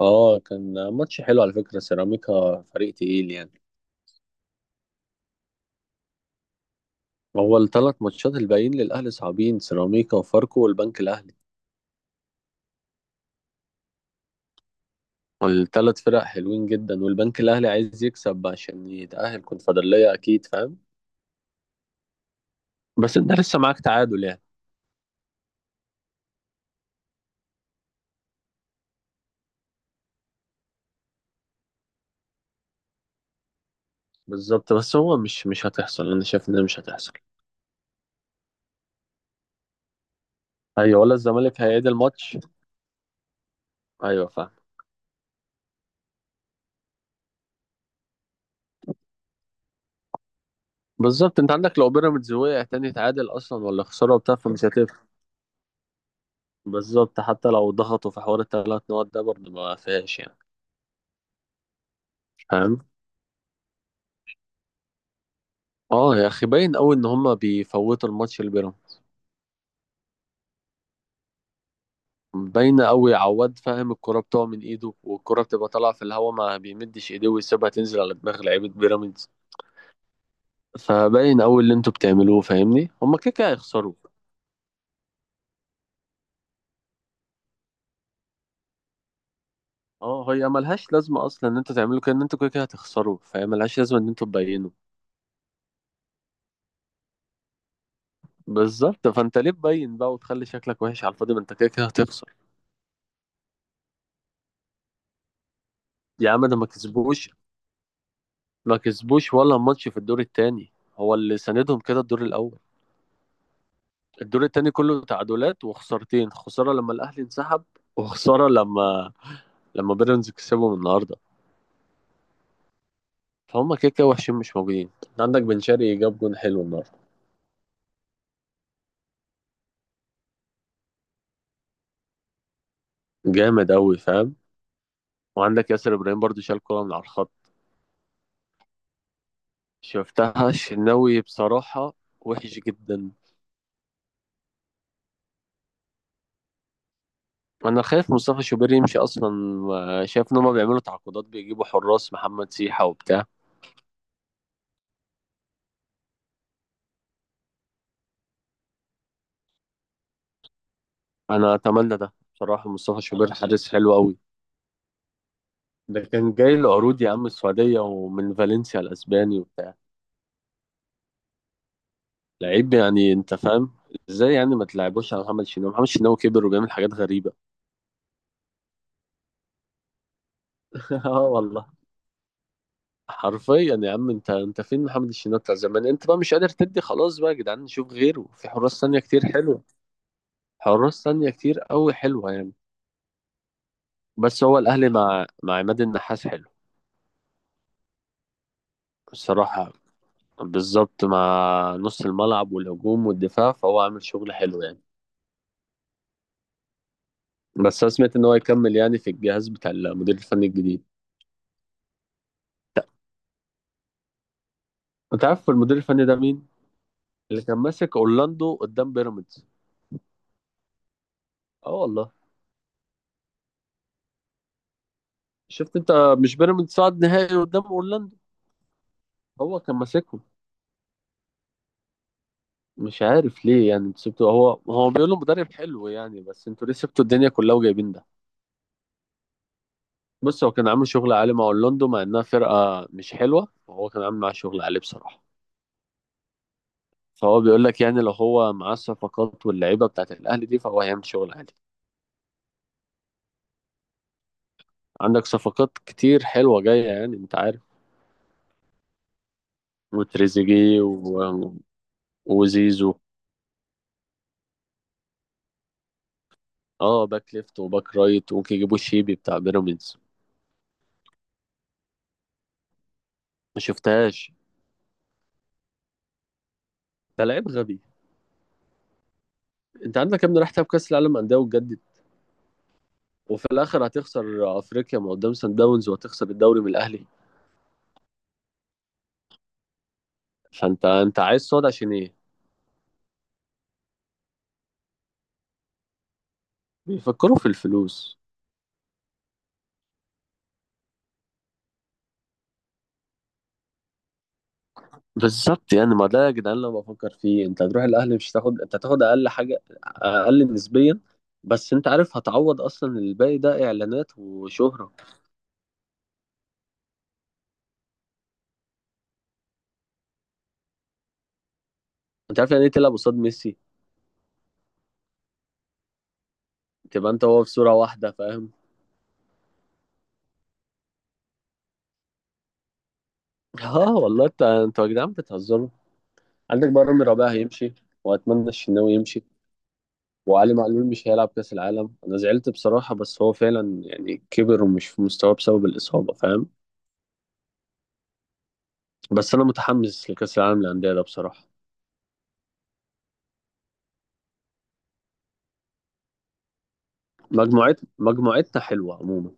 اه، كان ماتش حلو على فكرة. سيراميكا فريق تقيل يعني. هو الثلاث ماتشات الباقيين للأهلي صعبين: سيراميكا وفاركو والبنك الأهلي. الثلاث فرق حلوين جدا، والبنك الأهلي عايز يكسب عشان يتأهل كونفدرالية، أكيد فاهم؟ بس أنت لسه معاك تعادل يعني. بالظبط، بس هو مش هتحصل. أنا شايف إن مش هتحصل. أيوة، ولا الزمالك هيعيد الماتش. أيوة فاهم. بالظبط، انت عندك لو بيراميدز وقع تاني يتعادل اصلا ولا خساره وبتاع، فمش هتفرق. بالظبط، حتى لو ضغطوا في حوار الثلاث نقط ده، برضه ما فيهاش يعني. فاهم. اه يا اخي، باين قوي ان هما بيفوتوا الماتش لبيراميدز. باينه قوي، عواد فاهم، الكرة بتقع من ايده، والكرة بتبقى طالعه في الهواء، ما بيمدش ايديه ويسيبها تنزل على دماغ لعيبه بيراميدز. فباين قوي اللي انتوا بتعملوه. فاهمني، هما كده كده هيخسروا. اه، هي ملهاش لازمه اصلا ان انتوا تعملوا كده، ان انتوا كده كده هتخسروا، فهي ملهاش لازمه ان انتوا تبينوا. بالظبط، فانت ليه تبين بقى وتخلي شكلك وحش على الفاضي، ما انت كده كده هتخسر. يا عم ده ما كسبوش. ما كسبوش ولا ماتش في الدور التاني، هو اللي ساندهم كده الدور الاول. الدور التاني كله تعادلات وخسارتين: خسارة لما الأهلي انسحب، وخسارة لما بيراميدز كسبهم النهاردة. فهم كده كده وحشين، مش موجودين. انت عندك بن شرقي جاب جون حلو النهاردة. جامد أوي فاهم. وعندك ياسر إبراهيم برضو شال كورة من على الخط. شفتها الشناوي بصراحة. وحش جدا. أنا خايف مصطفى شوبير يمشي أصلا، شايف إن هما بيعملوا تعاقدات، بيجيبوا حراس محمد سيحة وبتاع. أنا أتمنى ده بصراحة، مصطفى شوبير حارس حلو أوي. ده كان جاي له عروض يا عم، السعودية ومن فالنسيا الأسباني وبتاع. لعيب يعني أنت فاهم. إزاي يعني ما تلعبوش على محمد شناوي؟ محمد شناوي كبر وبيعمل حاجات غريبة. آه والله. حرفيا يا عم، أنت فين محمد الشناوي بتاع زمان؟ أنت بقى مش قادر تدي، خلاص بقى يا جدعان، نشوف غيره في حراس تانية كتير حلوة. حراس تانية كتير أوي حلوة يعني. بس هو الأهلي مع عماد النحاس حلو. الصراحة. بالظبط، مع نص الملعب والهجوم والدفاع، فهو عامل شغل حلو يعني. بس انا سمعت ان هو يكمل يعني في الجهاز بتاع المدير الفني الجديد. انت عارف المدير الفني ده مين؟ اللي كان ماسك اورلاندو قدام بيراميدز. اه والله. شفت انت. مش بيراميدز صعد نهائي قدام اورلاندو؟ هو كان ماسكهم. مش عارف ليه يعني انتوا سبتوا، هو بيقولوا مدرب حلو يعني، بس انتوا ليه سبتوا الدنيا كلها وجايبين ده؟ بص، هو كان عامل شغل عالي مع اورلاندو، مع انها فرقه مش حلوه، وهو كان عامل معاه شغل عالي بصراحه. فهو بيقول لك يعني لو هو معاه الصفقات واللعيبه بتاعت الاهلي دي، فهو هيعمل شغل عالي. عندك صفقات كتير حلوة جاية يعني انت عارف. وتريزيجيه و... وزيزو. اه، باك ليفت وباك رايت، ممكن يجيبوا شيبي بتاع بيراميدز. ما شفتهاش. ده لعيب غبي. انت عندك يا ابني راح تلعب كاس العالم انديه وتجدد؟ وفي الاخر هتخسر افريقيا من قدام سان داونز، وهتخسر الدوري من الاهلي. فانت عايز صاد عشان ايه؟ بيفكروا في الفلوس. بالظبط، يعني ما ده يا جدعان، لو بفكر فيه انت هتروح الاهلي، مش هتاخد، انت هتاخد اقل حاجه، اقل نسبيا. بس انت عارف هتعوض اصلا، الباقي ده اعلانات وشهره. انت عارف يعني ايه تلعب قصاد ميسي؟ تبقى انت وهو في صوره واحده فاهم. اه والله، انتوا يا جدعان بتهزروا. عندك بقى رامي ربيعه هيمشي، واتمنى الشناوي يمشي. وعلي معلول مش هيلعب كاس العالم، انا زعلت بصراحه، بس هو فعلا يعني كبر ومش في مستواه بسبب الاصابه فاهم. بس انا متحمس لكاس العالم للانديه ده بصراحه. مجموعتنا حلوة عموما.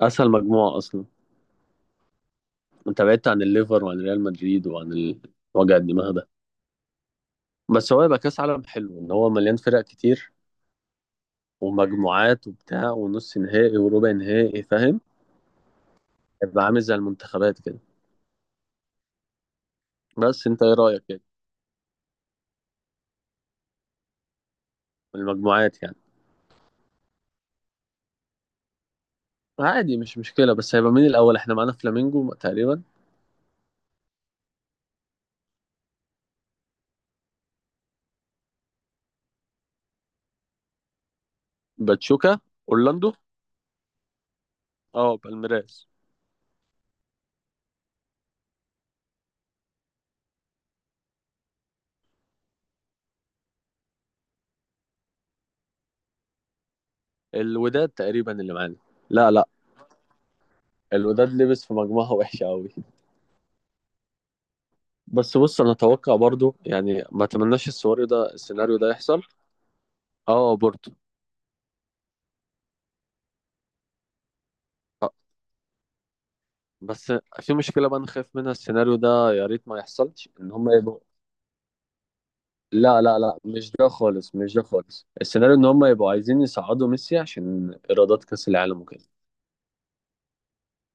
أسهل مجموعة أصلا. أنت بعدت عن الليفر وعن ريال مدريد وعن وجع الدماغ ده. بس هو يبقى كأس عالم حلو إن هو مليان فرق كتير، ومجموعات وبتاع، ونص نهائي وربع نهائي فاهم. يبقى عامل زي المنتخبات كده. بس أنت إيه رأيك كده؟ في المجموعات يعني؟ عادي، مش مشكلة، بس هيبقى مين الأول؟ إحنا معانا فلامينجو تقريبا. باتشوكا. أورلاندو. أه بالميراس. الوداد تقريبا اللي معانا. لا لا. الوداد لبس في مجموعة وحشة أوي. بس بص، انا اتوقع برضو يعني، ما اتمناش السيناريو ده، السيناريو ده يحصل. اه بورتو. آه، بس في مشكله بقى انا خايف منها، السيناريو ده يا ريت ما يحصلش، ان هم يبقوا... لا لا لا، مش ده خالص، مش ده خالص. السيناريو ان هم يبقوا عايزين يصعدوا ميسي عشان ايرادات كاس العالم وكده.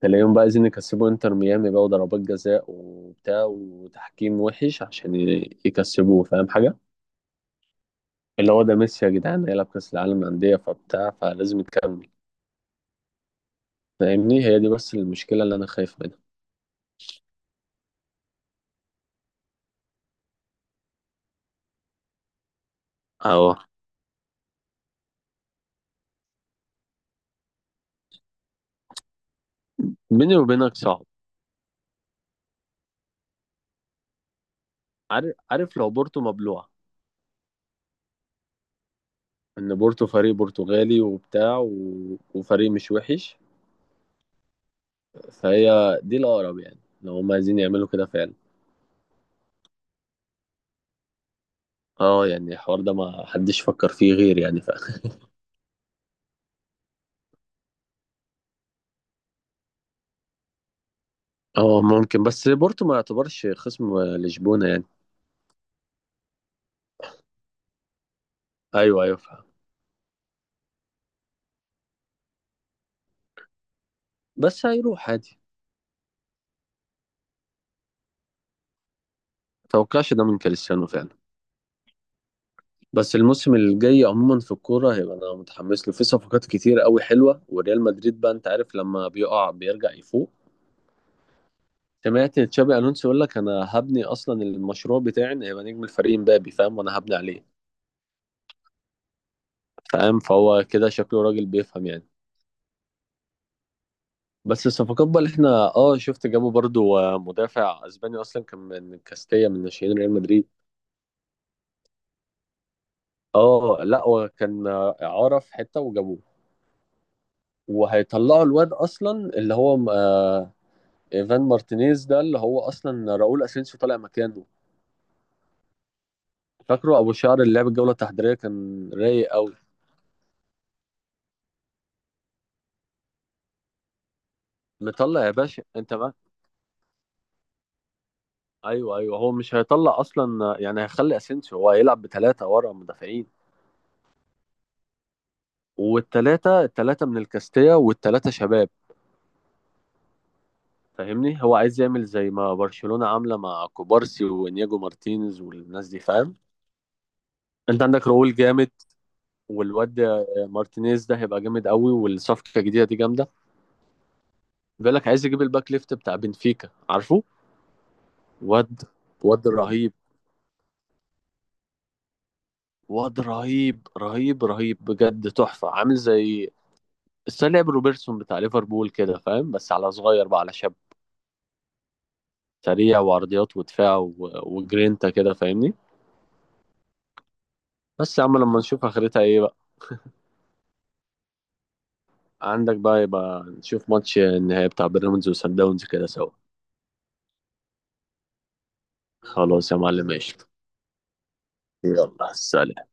تلاقيهم بقى عايزين يكسبوا انتر ميامي بقى، وضربات جزاء وبتاع، وتحكيم وحش عشان يكسبوه، فاهم حاجه؟ اللي هو ده، ميسي يا جدعان هيلعب كاس العالم للانديه فبتاع، فلازم يكمل. فاهمني، هي دي بس المشكله اللي انا خايف منها. اهو. بيني وبينك صعب. عارف عارف لو بورتو مبلوعة، ان بورتو فريق برتغالي وبتاع و... وفريق مش وحش. فهي دي الاقرب يعني لو هم عايزين يعملوا كده فعلا. اه يعني الحوار ده ما حدش فكر فيه غير يعني فاخر. اه ممكن، بس بورتو ما يعتبرش خصم لشبونة يعني. ايوه ايوه فاهم. بس هيروح عادي. متوقعش ده من كريستيانو فعلا. بس الموسم الجاي عموما في الكورة هيبقى، أنا متحمس له، في صفقات كتير قوي حلوة، وريال مدريد بقى أنت عارف لما بيقع بيرجع يفوق. سمعت تشابي الونسو يقول لك انا هبني اصلا المشروع بتاعي ان هيبقى نجم الفريق مبابي، فاهم، وانا هبني عليه. فاهم، فهو كده شكله راجل بيفهم يعني. بس الصفقات بقى اللي احنا شفت جابوا برضو مدافع اسباني اصلا كان من كاستيا من ناشئين ريال مدريد. اه لا، هو كان اعاره في حته وجابوه. وهيطلعوا الواد اصلا، اللي هو ايفان مارتينيز ده، اللي هو اصلا راؤول اسينسيو طالع مكانه. فاكره ابو شعر اللي لعب الجوله التحضيريه كان رايق قوي. مطلع يا باشا انت. ايوه ايوه، هو مش هيطلع اصلا يعني، هيخلي اسينسيو، هو هيلعب بثلاثه ورا مدافعين. والثلاثه من الكاستيا، والثلاثه شباب. فاهمني، هو عايز يعمل زي ما برشلونه عامله مع كوبارسي وانياجو مارتينيز والناس دي فاهم. انت عندك راؤول جامد. والواد مارتينيز ده هيبقى جامد قوي، والصفقه الجديده دي جامده. بيقول لك عايز يجيب الباك ليفت بتاع بنفيكا عارفه. واد، واد رهيب. واد رهيب رهيب رهيب بجد، تحفه، عامل زي... بس أنا لعب روبرتسون بتاع ليفربول كده فاهم، بس على صغير بقى، على شاب. سريع، وعرضيات ودفاع و... وجرينتا كده فاهمني. بس يا عم لما نشوف اخرتها ايه بقى. عندك بقى، يبقى نشوف ماتش النهائي بتاع بيراميدز وسان داونز كده سوا. خلاص يا معلم ماشي. يلا سلام.